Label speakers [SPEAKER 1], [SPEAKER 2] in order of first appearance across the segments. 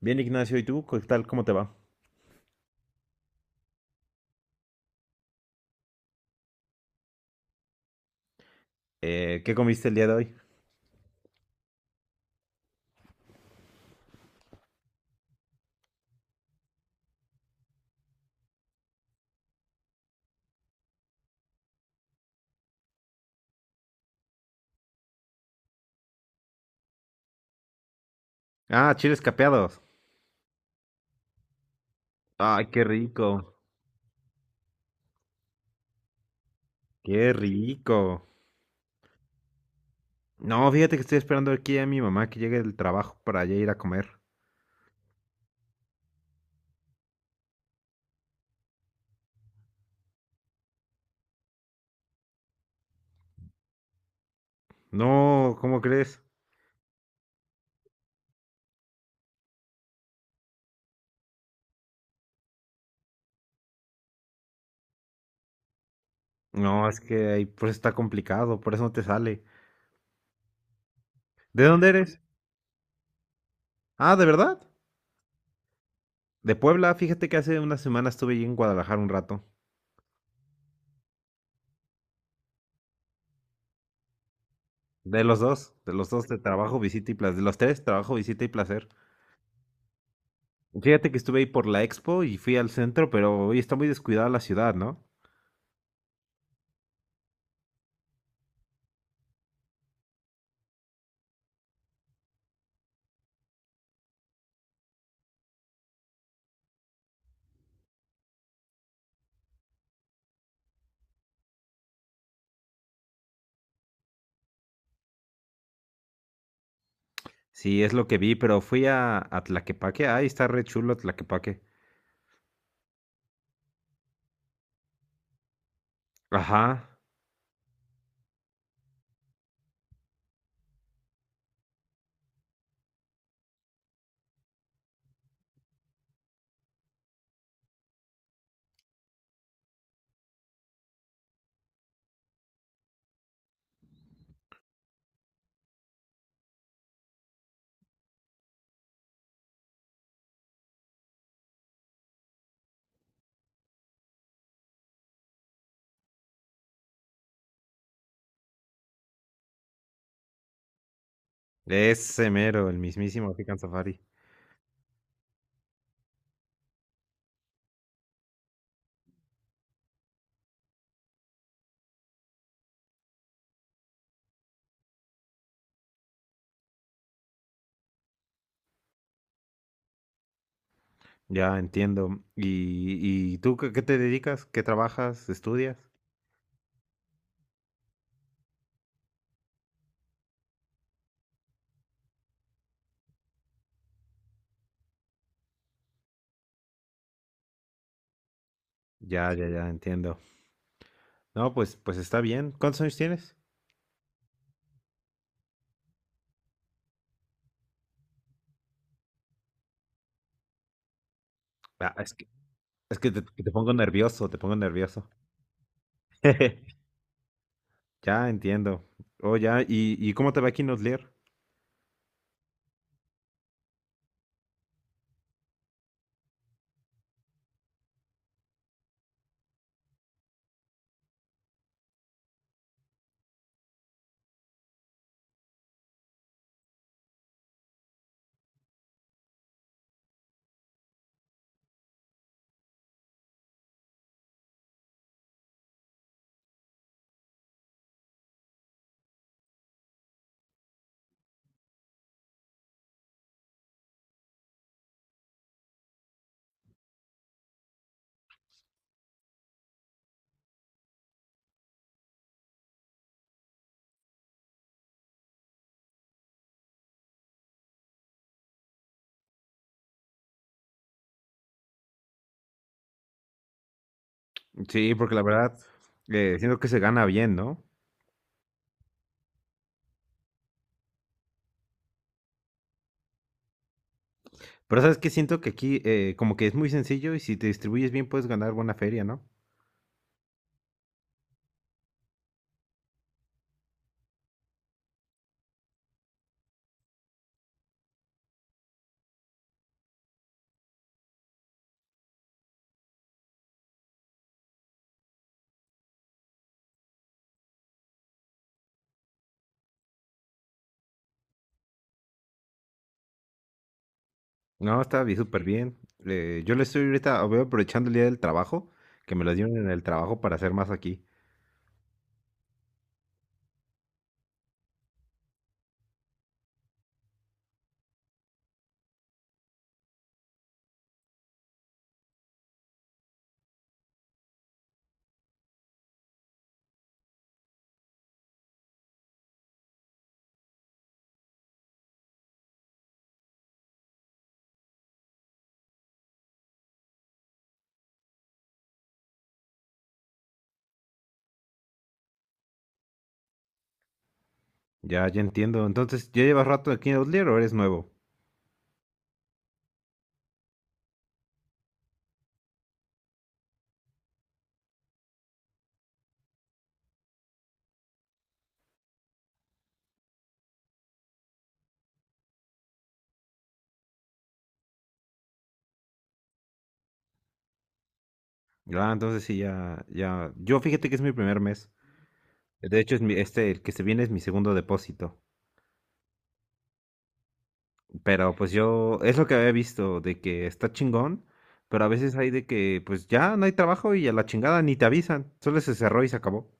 [SPEAKER 1] Bien, Ignacio, ¿y tú? ¿Qué tal? ¿Cómo te va? ¿Qué comiste el día de hoy? Ah, chiles capeados. Ay, qué rico. Qué rico. No, fíjate que estoy esperando aquí a mi mamá que llegue del trabajo para ya ir a comer. No, ¿cómo crees? No, es que ahí por eso está complicado, por eso no te sale. ¿De dónde eres? Ah, ¿de verdad? De Puebla, fíjate que hace una semana estuve allí en Guadalajara un rato. De los dos, de los dos, de trabajo, visita y placer. De los tres, trabajo, visita y placer. Fíjate que estuve ahí por la expo y fui al centro, pero hoy está muy descuidada la ciudad, ¿no? Sí, es lo que vi, pero fui a Tlaquepaque. Ay, está re chulo Tlaquepaque. Ajá, ese mero, el mismísimo African Safari. Ya entiendo. Y tú qué, qué te dedicas? ¿Qué trabajas? ¿Estudias? Ya, ya, ya, entiendo. No, pues, pues está bien. ¿Cuántos años tienes? Ah, es que te pongo nervioso, te pongo nervioso. Ya entiendo. Oh, ya, y cómo te va aquí en Outlier? Sí, porque la verdad, siento que se gana bien, ¿no? Pero sabes que siento que aquí como que es muy sencillo y si te distribuyes bien puedes ganar buena feria, ¿no? No, está bien, súper bien. Yo le estoy ahorita, voy aprovechando el día del trabajo, que me lo dieron en el trabajo para hacer más aquí. Ya, ya entiendo. Entonces, ¿ya llevas rato aquí en Outlier o eres nuevo? Ah, entonces sí, ya, ya. Yo fíjate que es mi primer mes. De hecho, es mi, este, el que se viene es mi segundo depósito. Pero pues yo, es lo que había visto, de que está chingón, pero a veces hay de que pues ya no hay trabajo y a la chingada ni te avisan, solo se cerró y se acabó.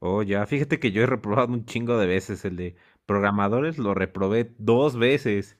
[SPEAKER 1] Oh, ya, fíjate que yo he reprobado un chingo de veces el de programadores, lo reprobé dos veces.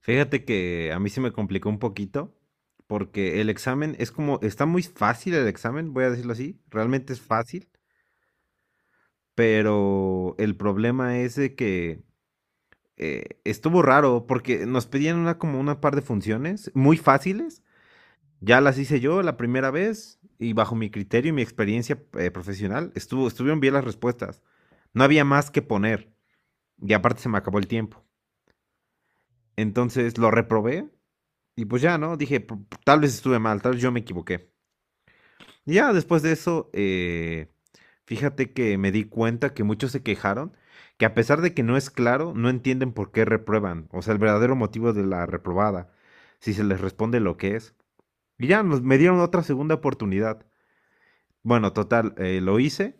[SPEAKER 1] Fíjate que a mí se me complicó un poquito, porque el examen es como, está muy fácil el examen, voy a decirlo así, realmente es fácil, pero el problema es de que estuvo raro porque nos pedían una como una par de funciones muy fáciles. Ya las hice yo la primera vez y bajo mi criterio y mi experiencia profesional estuvo, estuvieron bien las respuestas. No había más que poner y aparte se me acabó el tiempo. Entonces lo reprobé y pues ya, ¿no? Dije, tal vez estuve mal, tal vez yo me equivoqué. Y ya después de eso, fíjate que me di cuenta que muchos se quejaron, que a pesar de que no es claro, no entienden por qué reprueban, o sea, el verdadero motivo de la reprobada, si se les responde lo que es. Y ya nos, me dieron otra segunda oportunidad. Bueno, total, lo hice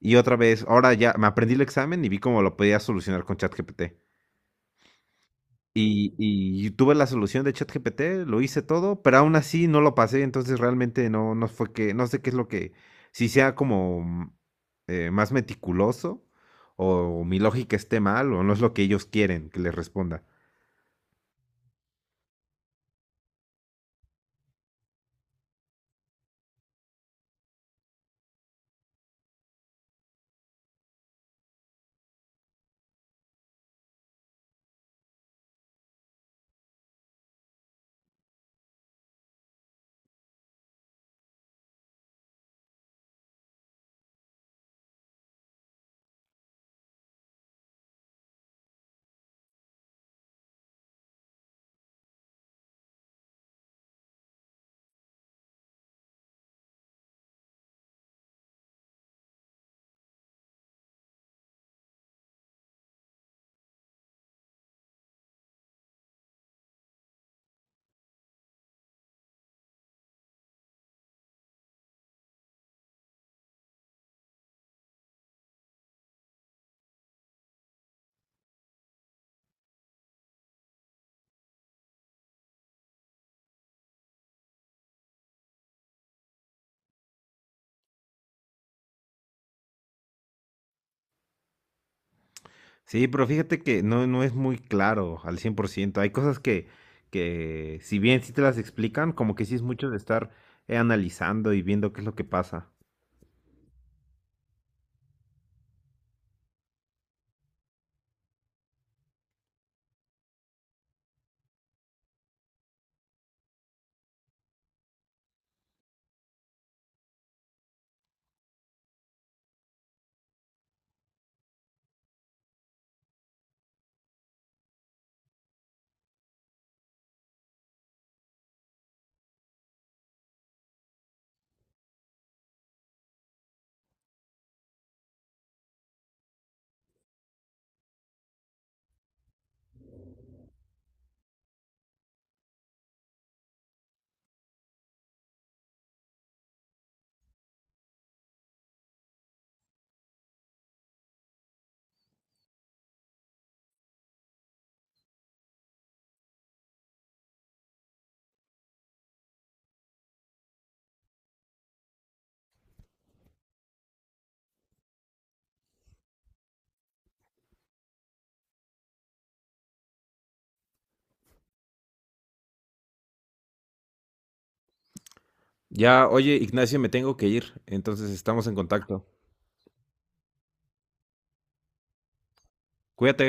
[SPEAKER 1] y otra vez, ahora ya me aprendí el examen y vi cómo lo podía solucionar con ChatGPT. Y tuve la solución de ChatGPT, lo hice todo, pero aún así no lo pasé, entonces realmente no, no fue que, no sé qué es lo que, si sea como más meticuloso o mi lógica esté mal o no es lo que ellos quieren que les responda. Sí, pero fíjate que no, no es muy claro al 100%. Hay cosas que si bien sí te las explican, como que sí es mucho de estar analizando y viendo qué es lo que pasa. Ya, oye, Ignacio, me tengo que ir, entonces estamos en contacto. Cuídate.